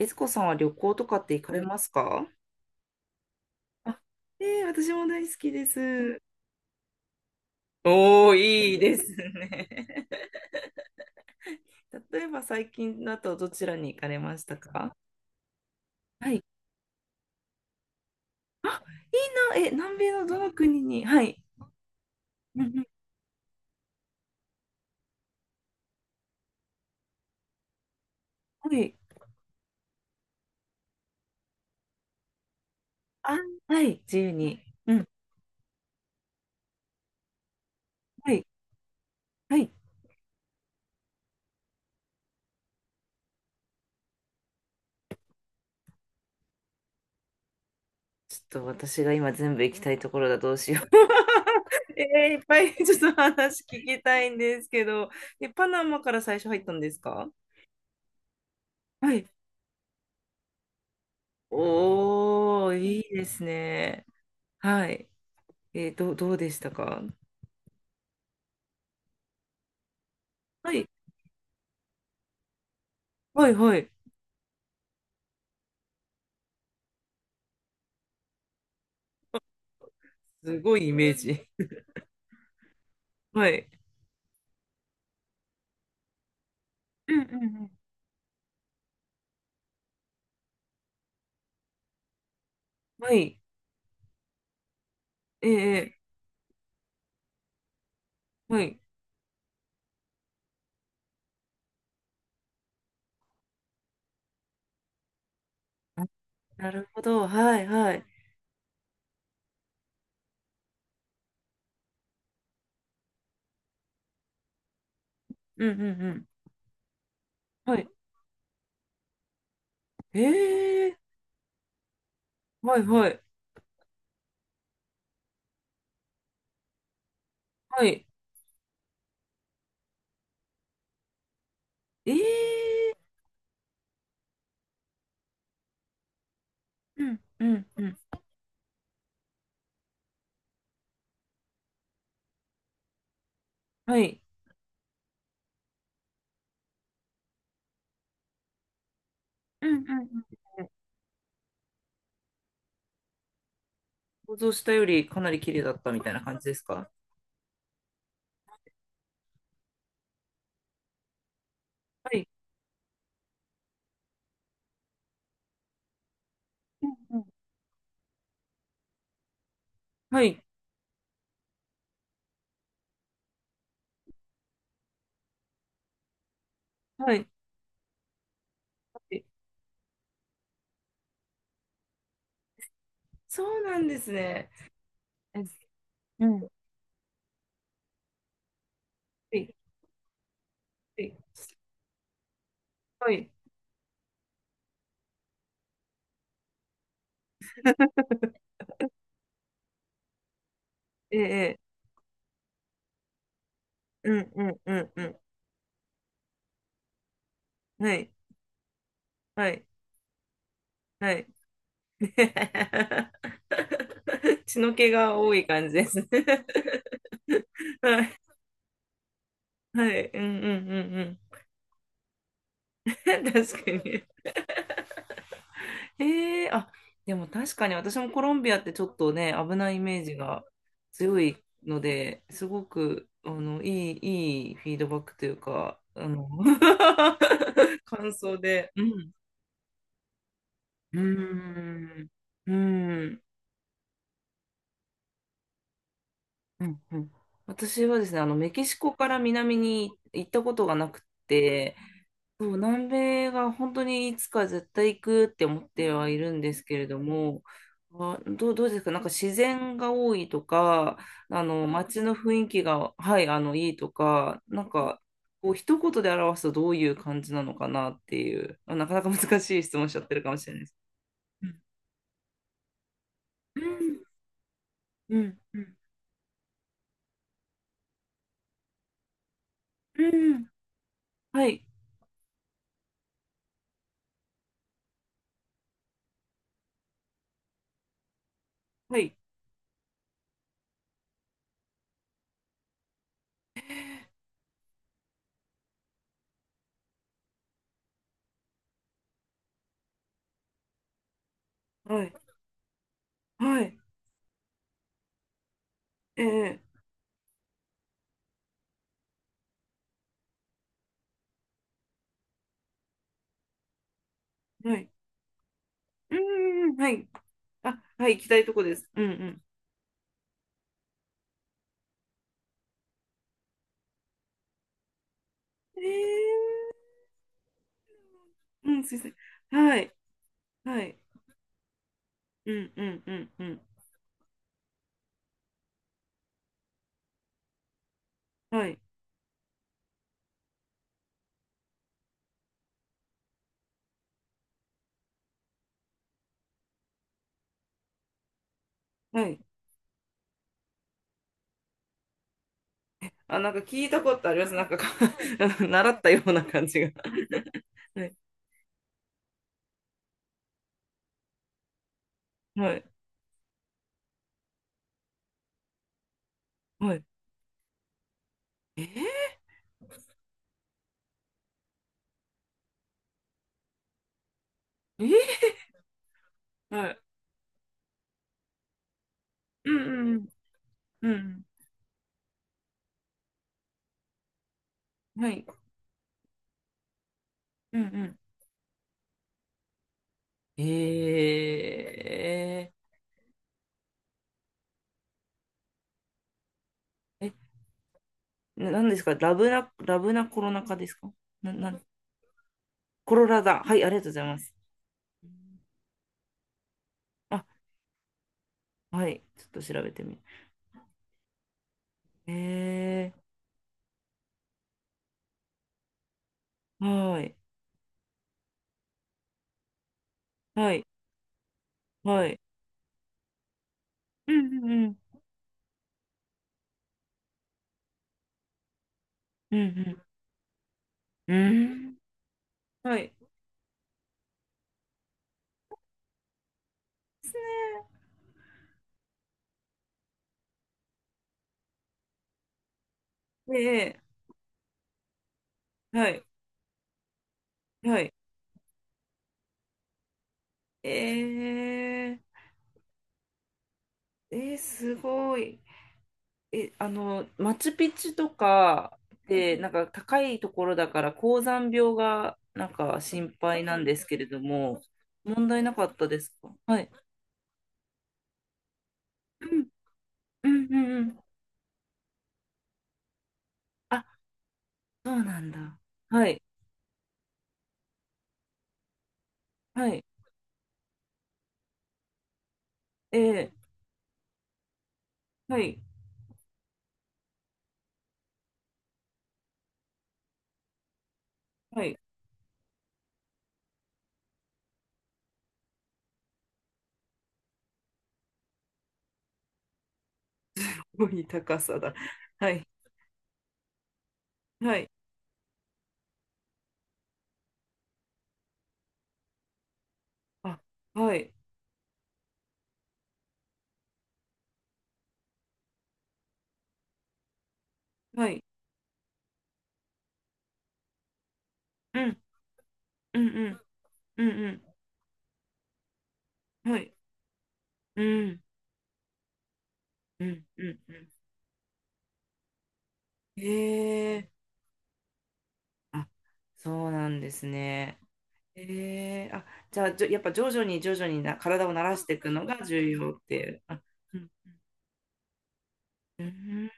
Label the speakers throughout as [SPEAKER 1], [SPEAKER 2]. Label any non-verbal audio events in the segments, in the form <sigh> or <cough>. [SPEAKER 1] えつこさんは旅行とかって行かれますか？あ、ええ、私も大好きです。いいですね。<laughs> 例えば最近だとどちらに行かれましたか？はい。あ、いいな。え、南米のどの国に？はい。うんうん。はい。あ、はい。自由に。うん。はい。はい。ちょっと私が今全部行きたいところだ。どうしよう。<laughs> えー、いっぱい <laughs> ちょっと話聞きたいんですけど、え、パナマから最初入ったんですか？はい。おー、いいですね。はい。えー、どうでしたか？はい。はい、はい。すごいイメージ。はい。うんうんうん。はい。えーえーはい。なるほど。はい、はい。うん、うん、うん。はい。ええー、はい、はい。はい。ええー、うんうんうん。はい。うんうんうん。想像したよりかなり綺麗だったみたいな感じですか？はい。うんうん。はい。はい。はい。そうなんですね。え、うん。はい。はい。はい。えええ。うんうんうんうん。はい。はい。はい。<laughs> 血の気が多い感じですね。<laughs> はい。はい。うんうんうんうん。<laughs> 確かに。ええ、あ、でも確かに私もコロンビアってちょっとね、危ないイメージが強いので、すごく、いい、いいフィードバックというか、<laughs> 感想で。うん。うーん。うーん。うんうん。私はですね、メキシコから南に行ったことがなくて、そう、南米が本当にいつか絶対行くって思ってはいるんですけれども、あ、どうですか？なんか自然が多いとか、街の雰囲気が、はい、いいとか、こう、一言で表すとどういう感じなのかなっていう、あ、なかなか難しい質問しちゃってるかもしれないです。うん、うん、うん、うん、うん。はい、はい、はい、はい。ええ、はい。うんん、はい。あ、はい、行きたいとこです。うんうん。えー、うん、すいません。はい、はい。うんうんうんうん。はい、はい。あ、なんか聞いたことあります。なんかか <laughs> 習ったような感じが。はい、はい、はい。えー、えー、はい。うんうんうん。うん、はい。うんうん。えー、え、ななんですか、ラブな、ラブなコロナ禍ですか？な、なん、コロラだ。はい、ありがとうございます。あ、はい。ちょっと調べてみます。えー、はい、はい、はい。うんうんうん、うんうん、うん。はい。ですね。ええ、はい、はい。えええー、すごい。え、マチュピチュとかで、なんか高いところだから高山病がなんか心配なんですけれども、問題なかったですか？はい。うんうんうんうん。あ、そうなんだ。はい、はい。ええ、はい、はい。ごい高さだ。はい、はい、あ、はい、はい、うん、うん、うん、うん、うん、はい、うん、うん、うん、うん。へえ、あ、そうなんですね。へえ、あ、じゃあ、やっぱ徐々にな体を慣らしていくのが重要っていう。あ、うん、うん、うん。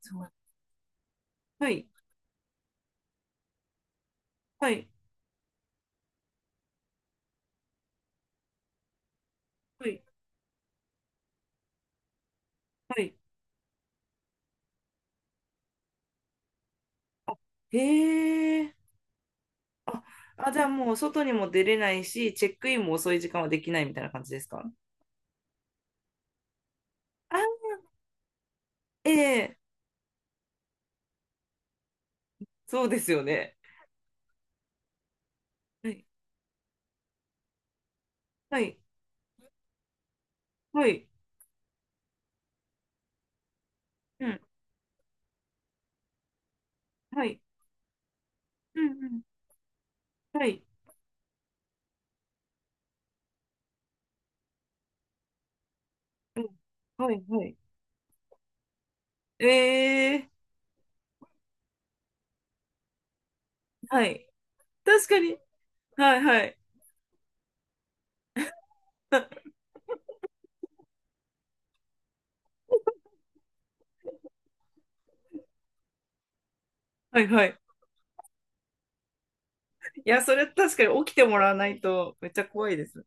[SPEAKER 1] そう。はい、はい、はい、はい。へえ、あ、あ、じゃあもう外にも出れないし、チェックインも遅い時間はできないみたいな感じですか？あ、ええ、そうですよね。はい。はい。はい。うん。はい。うんうん。はい。はい。はい。えー。はい。確かに。はいはい。はいはい。いや、それ確かに起きてもらわないとめっちゃ怖いです。